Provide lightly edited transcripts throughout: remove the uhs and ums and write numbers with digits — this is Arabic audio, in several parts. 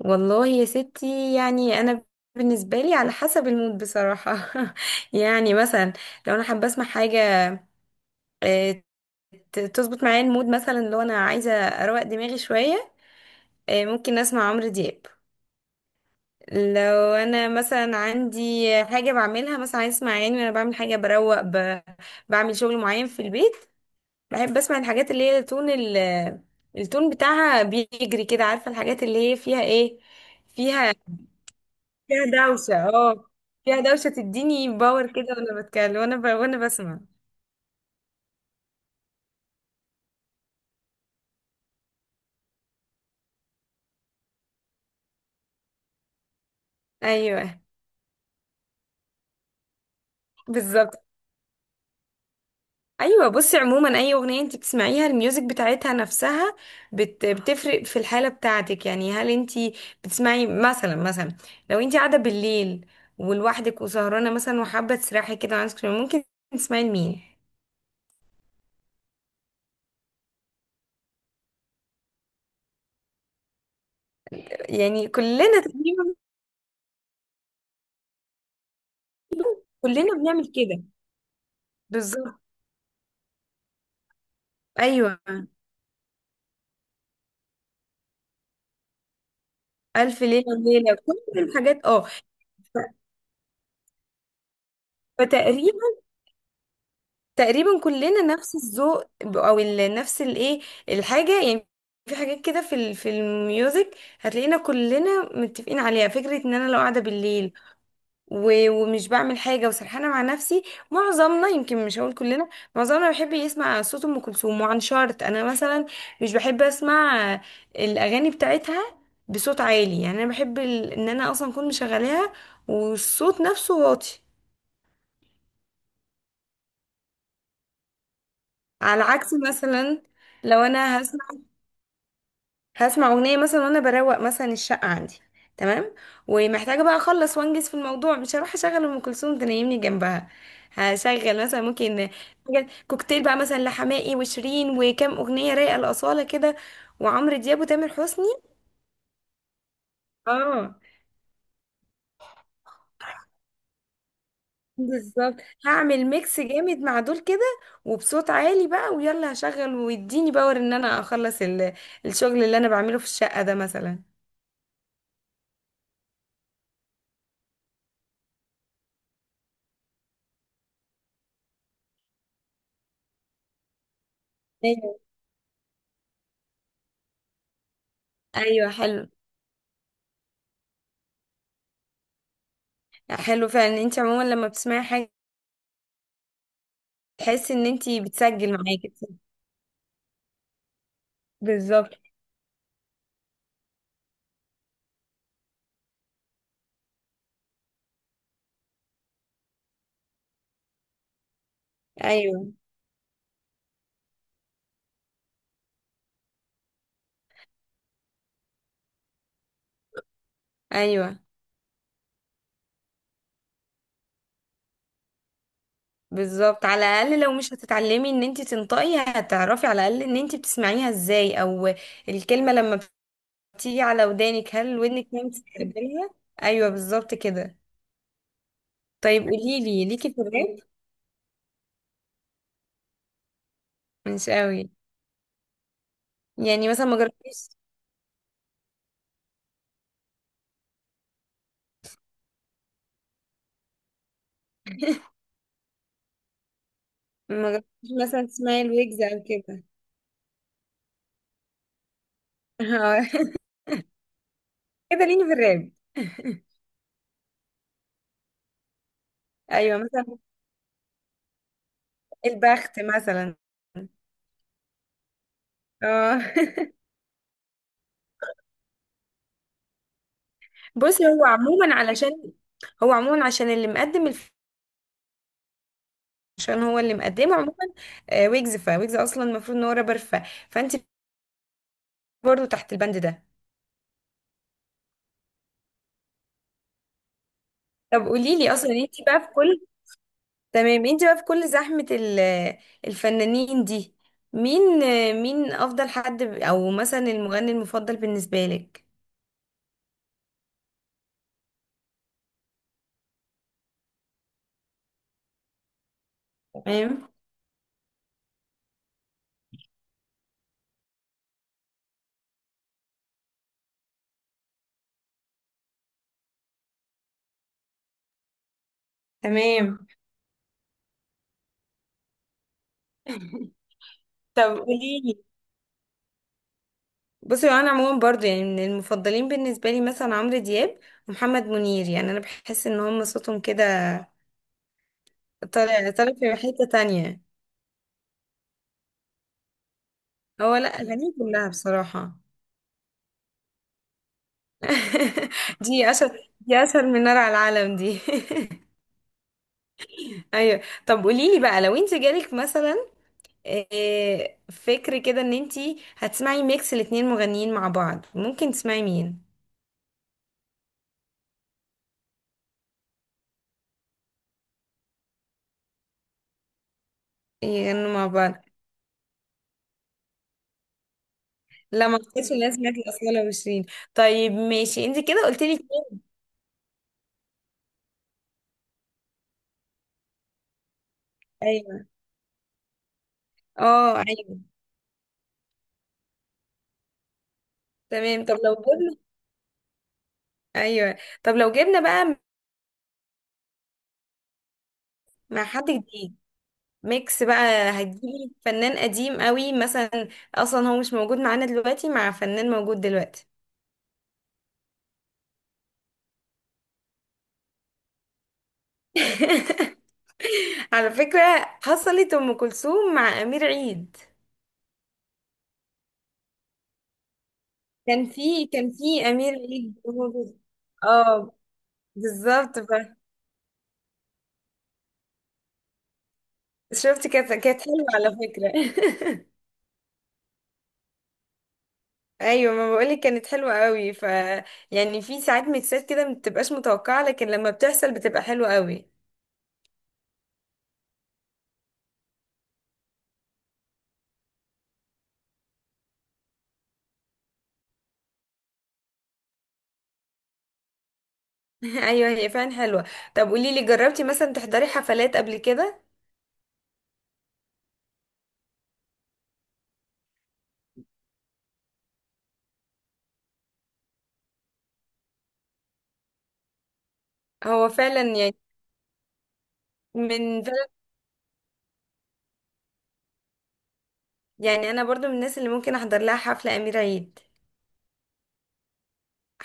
والله يا ستي، يعني انا بالنسبه لي على حسب المود بصراحه. يعني مثلا لو انا حابه اسمع حاجه آه، تظبط معايا المود، مثلا لو انا عايزه اروق دماغي شويه، ممكن اسمع عمرو دياب. لو انا مثلا عندي حاجه بعملها، مثلا عايز اسمع اغاني وانا بعمل حاجه بروق بعمل شغل معين في البيت، بحب اسمع الحاجات اللي هي تون التون بتاعها بيجري كده، عارفه الحاجات اللي هي فيها ايه؟ فيها فيها دوشة، اه، فيها دوشة تديني باور كده وانا بتكلم وانا بسمع. ايوه بالظبط. ايوه بصي، عموما اي اغنية انت بتسمعيها، الميوزك بتاعتها نفسها بتفرق في الحالة بتاعتك. يعني هل انت بتسمعي مثلا لو انت قاعدة بالليل ولوحدك وسهرانة مثلا وحابة تسرحي كده وعايزة تسمعي، ممكن تسمعي لمين؟ يعني كلنا تقريبا، كلنا بنعمل كده. بالظبط، ايوه، الف ليله وليله، كل الحاجات، اه. فتقريبا كلنا نفس الذوق، نفس الايه، الحاجه يعني. في حاجات كده في الميوزك هتلاقينا كلنا متفقين عليها. فكره ان انا لو قاعده بالليل ومش بعمل حاجه وسرحانه مع نفسي، معظمنا، يمكن مش هقول كلنا، معظمنا بيحب يسمع صوت ام كلثوم. وعن شرط انا مثلا مش بحب اسمع الاغاني بتاعتها بصوت عالي، يعني انا بحب ان انا اصلا اكون مشغلاها والصوت نفسه واطي. على عكس مثلا لو انا هسمع اغنيه مثلا وانا بروق مثلا الشقه عندي، تمام، ومحتاجه بقى اخلص وانجز في الموضوع، مش هروح اشغل ام كلثوم تنيمني جنبها. هشغل مثلا، ممكن كوكتيل بقى مثلا، لحماقي وشيرين وكام اغنيه رايقه لاصاله كده، وعمرو دياب وتامر حسني. اه بالظبط، هعمل ميكس جامد مع دول كده، وبصوت عالي بقى، ويلا هشغل ويديني باور ان انا اخلص الشغل اللي انا بعمله في الشقه ده مثلا. ايوه، ايوه، حلو. حلو فعلا، انت عموما لما بتسمعي حاجه تحس ان انتي بتسجل معاكي. بالظبط. ايوه، ايوه، بالظبط، على الاقل لو مش هتتعلمي ان انتي تنطقي، هتعرفي على الاقل ان انتي بتسمعيها ازاي، او الكلمه لما بتيجي على ودانك، هل ودنك ما بتستقبلها. ايوه بالظبط كده. طيب قولي لي، ليكي في الراب؟ مش قوي؟ يعني مثلا ما جربتيش مثلا تسمعي الويجز او كده؟ آه، كده ليني في الراب. ايوه مثلا البخت مثلا، اه. بصي، هو عموما عشان عشان هو اللي مقدمه عموما. ويجز، فويجز اصلا المفروض ان هو رابر، فانت برضو تحت البند ده. طب قولي لي اصلا، انت بقى في كل تمام، انت بقى في كل زحمه الفنانين دي، مين افضل حد، او مثلا المغني المفضل بالنسبه لك؟ تمام، تمام. طب قولي لي، بصي انا عموما برضو، يعني من المفضلين بالنسبه لي مثلا عمرو دياب ومحمد منير، يعني انا بحس ان هم صوتهم كده طلع في حتة تانية. هو لا، أغانيه كلها بصراحة. دي أسهل من نار على العالم دي. أيوة، طب قوليلي بقى، لو انت جالك مثلا فكر كده ان انت هتسمعي ميكس الاتنين مغنيين مع بعض، ممكن تسمعي مين؟ يغنوا مع بعض. لا ما اعتقدش الناس سمعت الأصالة وشيرين. طيب ماشي، انت كده قلت لي اتنين. ايوه. اه ايوه. تمام، طب لو جبنا ايوه، طب لو جبنا بقى، مع حد جديد ميكس بقى، هتجيبي فنان قديم قوي مثلا، اصلا هو مش موجود معانا دلوقتي، مع فنان موجود دلوقتي. على فكرة، حصلت ام كلثوم مع امير عيد، كان في امير عيد موجود. اه بالظبط بقى. شفتي، كانت حلوه على فكرة. ايوه ما بقولك كانت حلوه قوي، يعني في ساعات ميكسات كده ما بتبقاش متوقعه، لكن لما بتحصل بتبقى حلوه قوي. ايوه هي فعلا حلوه. طب قولي لي، جربتي مثلا تحضري حفلات قبل كده؟ هو فعلا يعني، من فعلا، يعني انا برضو من الناس اللي ممكن احضر لها حفله امير عيد،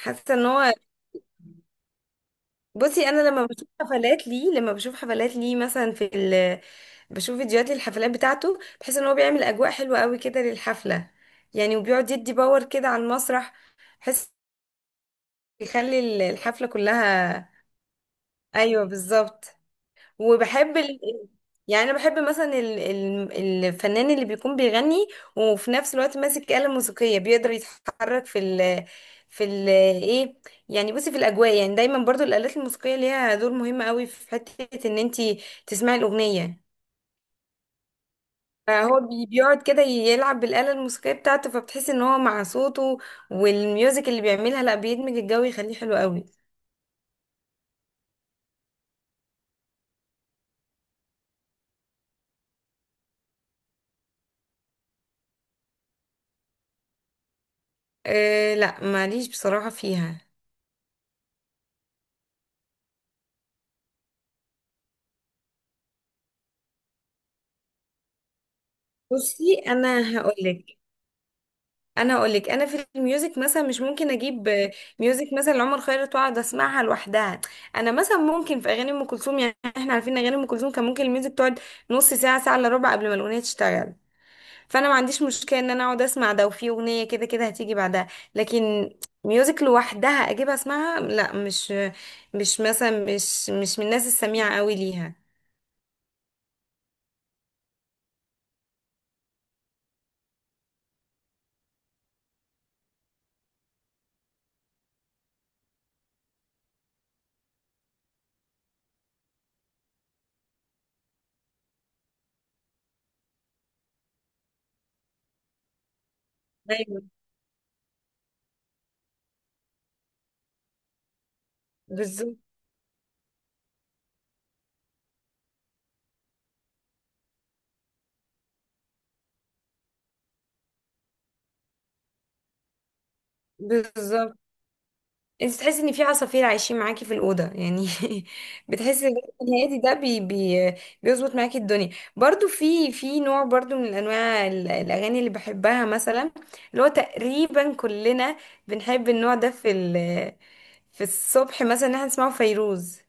حاسه ان هو، بصي انا لما بشوف حفلات ليه مثلا، في ال بشوف فيديوهات للحفلات بتاعته، بحس ان هو بيعمل اجواء حلوه قوي كده للحفله، يعني وبيقعد يدي باور كده على المسرح، بحس يخلي الحفله كلها. ايوه بالظبط. وبحب يعني انا بحب مثلا الفنان اللي بيكون بيغني وفي نفس الوقت ماسك آلة موسيقية، بيقدر يتحرك في ال... في ال... ايه يعني بصي، في الاجواء يعني، دايما برضو الآلات الموسيقية ليها دور مهم قوي في حتة ان انتي تسمعي الأغنية. فهو بيقعد كده يلعب بالآلة الموسيقية بتاعته، فبتحس ان هو مع صوته والميوزك اللي بيعملها، لا بيدمج الجو، يخليه حلو قوي. أه لا، ماليش بصراحة فيها. بصي انا اقول لك، انا في الميوزك مثلا مش ممكن اجيب ميوزك مثلا لعمر خيرت واقعد اسمعها لوحدها. انا مثلا ممكن في اغاني ام كلثوم، يعني احنا عارفين اغاني ام كلثوم، كان ممكن الميوزك تقعد نص ساعه، ساعه الا ربع، قبل ما الاغنيه تشتغل، فانا ما عنديش مشكله ان انا اقعد اسمع ده، وفي اغنيه كده كده هتيجي بعدها. لكن ميوزك لوحدها اجيب اسمعها، لا، مش مثلا، مش من الناس السميعه قوي ليها. ايوه بالظبط، بالظبط. انت تحسي ان في عصافير عايشين معاكي في الاوضه يعني. بتحسي ان الجو الهادي ده بي بي بيظبط معاكي الدنيا. برضو في نوع برضو من انواع الاغاني اللي بحبها، مثلا اللي هو تقريبا كلنا بنحب النوع ده في الصبح مثلا، ان احنا نسمعه، فيروز،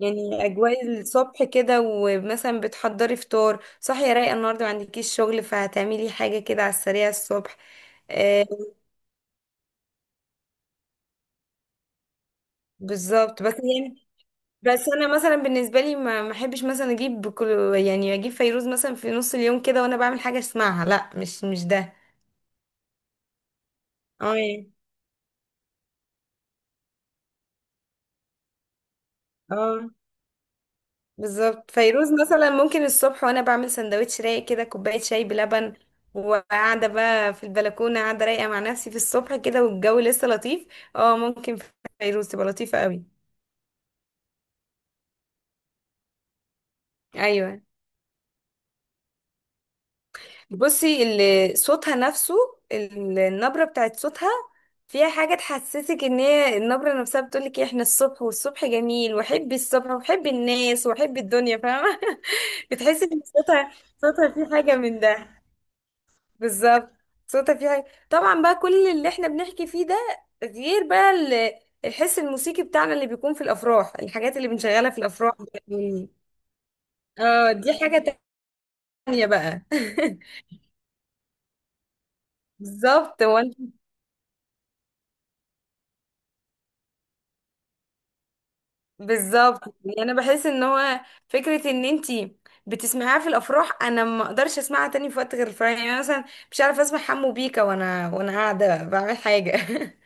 يعني اجواء الصبح كده، ومثلا بتحضري فطار، صاحيه رايقه، النهارده ما عندكيش شغل، فهتعملي حاجه كده على السريع الصبح، آه بالظبط. بس يعني، بس انا مثلا بالنسبه لي، ما احبش مثلا اجيب كل، يعني اجيب فيروز مثلا في نص اليوم كده وانا بعمل حاجه اسمعها، لا مش ده. اه يعني. اه بالظبط، فيروز مثلا ممكن الصبح وانا بعمل سندوتش رايق كده، كوبايه شاي بلبن، وقاعده بقى في البلكونه، قاعده رايقه مع نفسي في الصبح كده والجو لسه لطيف، اه ممكن فيروز تبقى لطيفه قوي. ايوه، بصي صوتها نفسه، النبرة بتاعت صوتها فيها حاجة تحسسك ان هي النبرة نفسها بتقولك إيه، احنا الصبح، والصبح جميل، وحبي الصبح، وحبي الناس، وحبي الدنيا، فاهمة. بتحسي ان صوتها فيه حاجة من ده. بالظبط، صوتها فيه حاجة. طبعا بقى كل اللي احنا بنحكي فيه ده غير بقى الحس الموسيقي بتاعنا اللي بيكون في الافراح، الحاجات اللي بنشغلها في الافراح، اه دي حاجة تانية بقى. بالظبط، بالظبط. يعني انا بحس ان هو فكره ان انتي بتسمعيها في الافراح، انا ما اقدرش اسمعها تاني في وقت غير الفرح، يعني أنا مثلا مش عارفه اسمع حمو بيكا وانا قاعده بعمل حاجه.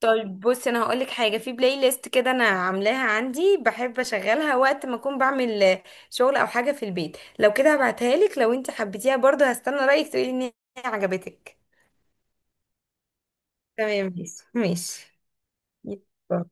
طيب بصي، انا هقولك حاجه، في بلاي ليست كده انا عاملاها عندي بحب اشغلها وقت ما اكون بعمل شغل او حاجه في البيت، لو كده هبعتها لك، لو انت حبيتيها برضه هستنى رايك تقولي ان هي عجبتك. تمام ماشي، ماشي، يلا.